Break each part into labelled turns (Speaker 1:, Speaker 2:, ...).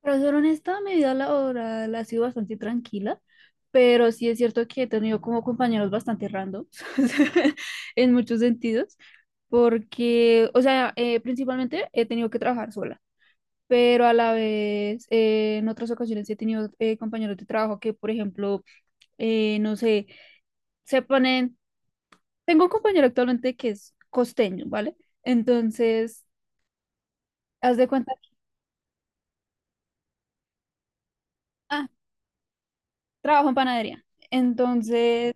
Speaker 1: Para ser honesta, mi vida laboral ha sido bastante tranquila, pero sí es cierto que he tenido como compañeros bastante randoms en muchos sentidos, porque, o sea, principalmente he tenido que trabajar sola, pero a la vez en otras ocasiones he tenido compañeros de trabajo que, por ejemplo, no sé, se ponen, tengo un compañero actualmente que es costeño, ¿vale? Entonces, haz de cuenta, ah, trabajo en panadería. Entonces,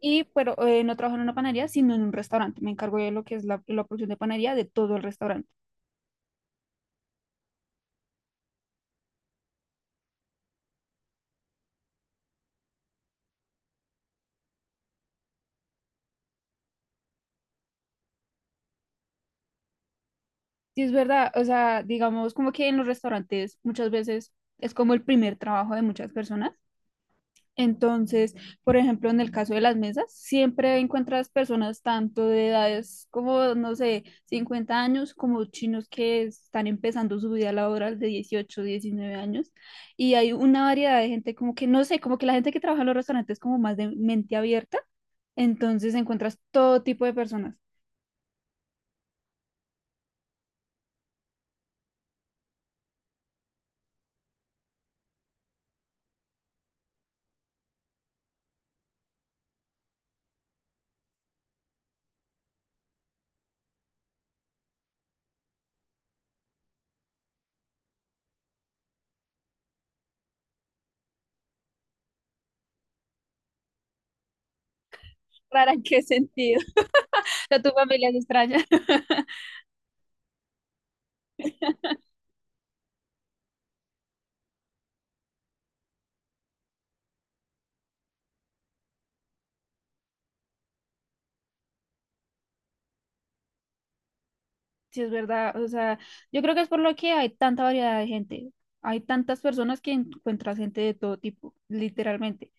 Speaker 1: y pero no trabajo en una panadería, sino en un restaurante. Me encargo de lo que es la producción de panadería de todo el restaurante. Sí, es verdad, o sea, digamos como que en los restaurantes muchas veces es como el primer trabajo de muchas personas. Entonces, por ejemplo, en el caso de las mesas, siempre encuentras personas tanto de edades como, no sé, 50 años, como chinos que están empezando su vida laboral de 18 19 años. Y hay una variedad de gente como que, no sé, como que la gente que trabaja en los restaurantes es como más de mente abierta. Entonces encuentras todo tipo de personas. ¿Rara en qué sentido? ¿A tu familia es extraña? Sí, es verdad. O sea, yo creo que es por lo que hay tanta variedad de gente. Hay tantas personas que encuentras gente de todo tipo, literalmente.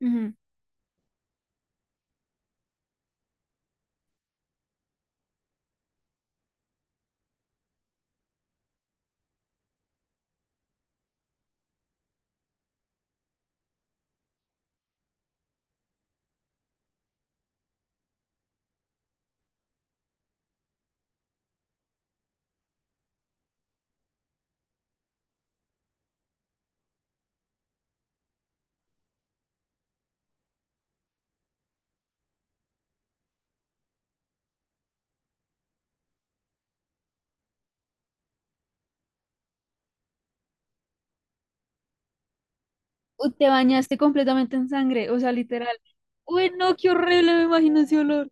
Speaker 1: Ujú. Uy, te bañaste completamente en sangre, o sea, literal. Uy, no, qué horrible, me imagino ese olor.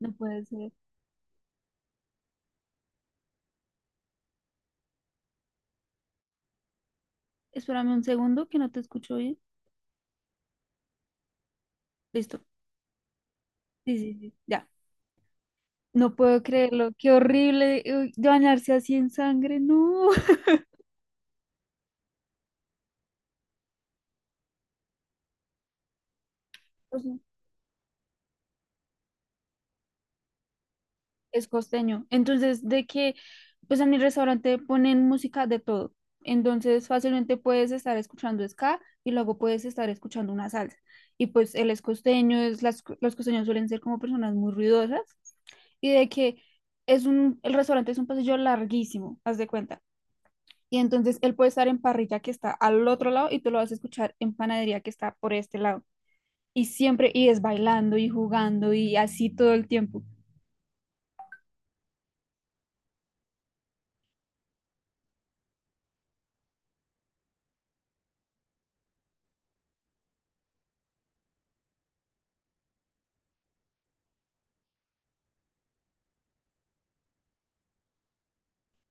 Speaker 1: No puede ser. Espérame un segundo que no te escucho bien. Listo. Sí, sí, sí. Ya. No puedo creerlo. Qué horrible. Uy, bañarse así en sangre. No. Es costeño. Entonces, de que, pues en mi restaurante ponen música de todo. Entonces, fácilmente puedes estar escuchando ska y luego puedes estar escuchando una salsa. Y pues él es costeño, es, las, los costeños suelen ser como personas muy ruidosas y de que el restaurante es un pasillo larguísimo, haz de cuenta. Y entonces él puede estar en parrilla que está al otro lado y tú lo vas a escuchar en panadería que está por este lado. Y siempre, y es bailando y jugando y así todo el tiempo.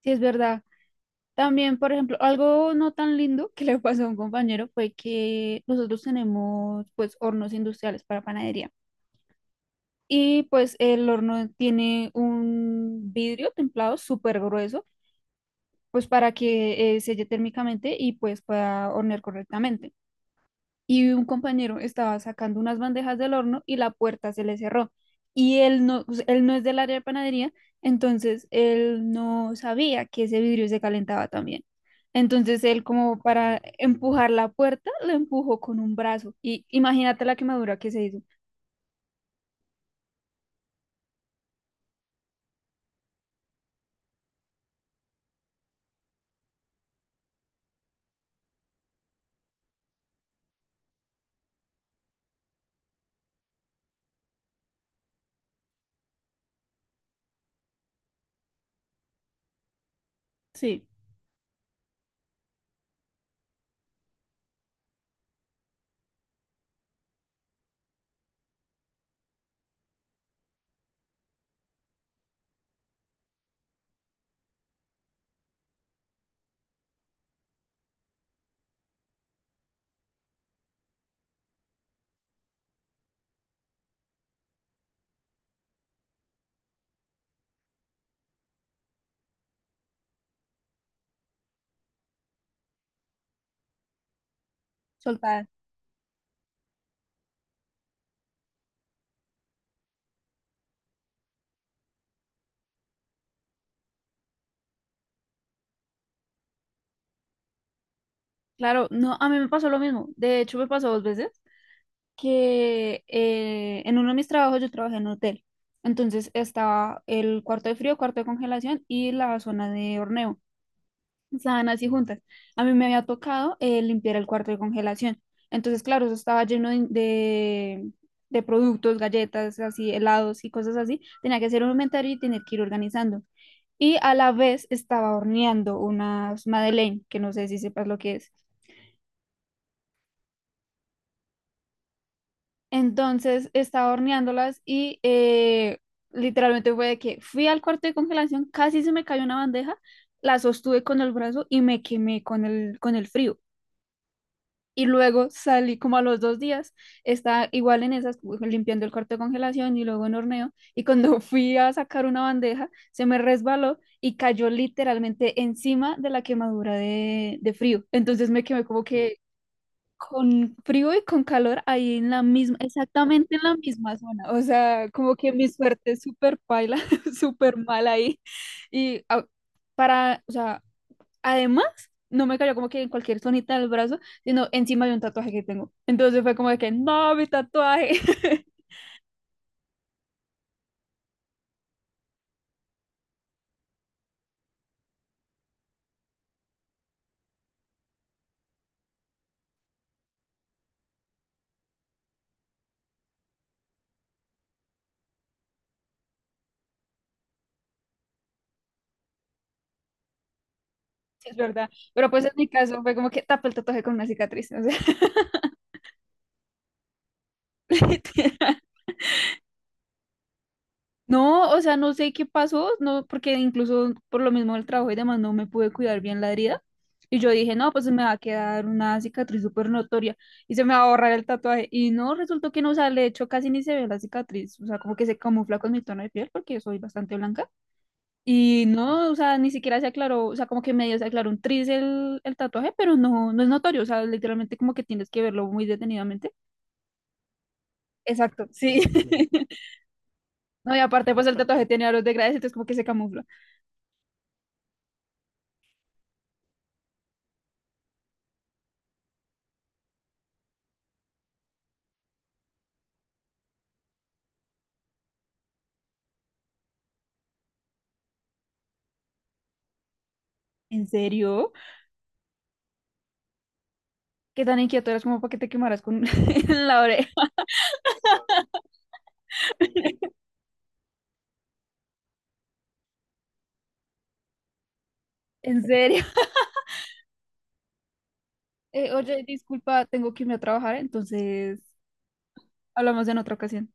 Speaker 1: Sí, es verdad. También, por ejemplo, algo no tan lindo que le pasó a un compañero fue que nosotros tenemos pues hornos industriales para panadería y pues el horno tiene un vidrio templado súper grueso pues para que selle térmicamente y pues pueda hornear correctamente y un compañero estaba sacando unas bandejas del horno y la puerta se le cerró. Y él no, pues, él no es del área de panadería, entonces él no sabía que ese vidrio se calentaba también. Entonces él como para empujar la puerta, la empujó con un brazo. Y imagínate la quemadura que se hizo. Sí. Soltada. Claro, no, a mí me pasó lo mismo. De hecho, me pasó 2 veces. Que en uno de mis trabajos yo trabajé en un hotel. Entonces estaba el cuarto de frío, cuarto de congelación y la zona de horneo. Estaban así juntas. A mí me había tocado limpiar el cuarto de congelación. Entonces, claro, eso estaba lleno de productos, galletas, así, helados y cosas así. Tenía que hacer un inventario y tener que ir organizando. Y a la vez estaba horneando unas madeleine, que no sé si sepas lo que es. Entonces estaba horneándolas y literalmente fue de que fui al cuarto de congelación, casi se me cayó una bandeja, la sostuve con el brazo y me quemé con el frío. Y luego salí como a los 2 días, estaba igual en esas, limpiando el cuarto de congelación y luego en horneo. Y cuando fui a sacar una bandeja, se me resbaló y cayó literalmente encima de la quemadura de frío. Entonces me quemé como que con frío y con calor ahí en la misma, exactamente en la misma zona. O sea, como que mi suerte es súper paila, súper mal ahí. Y ah, o sea, además, no me cayó como que en cualquier zonita del brazo, sino encima de un tatuaje que tengo. Entonces fue como de que, no, mi tatuaje. Sí, es verdad, pero pues en mi caso fue como que tapé el tatuaje con una cicatriz, o sea, literal. No, o sea, no sé qué pasó, no, porque incluso por lo mismo del trabajo y demás no me pude cuidar bien la herida. Y yo dije, no, pues se me va a quedar una cicatriz súper notoria y se me va a borrar el tatuaje. Y no, resultó que no, o sea, de hecho casi ni se ve la cicatriz, o sea, como que se camufla con mi tono de piel porque soy bastante blanca. Y no, o sea, ni siquiera se aclaró, o sea, como que medio se aclaró un tris el tatuaje, pero no, no es notorio, o sea, literalmente como que tienes que verlo muy detenidamente. Exacto, sí. No, y aparte, pues el tatuaje tiene aros de grades, entonces como que se camufla. ¿En serio? ¿Qué tan inquieto eras como para que te quemaras con en la oreja? ¿En serio? Oye, disculpa, tengo que irme a trabajar, entonces hablamos en otra ocasión.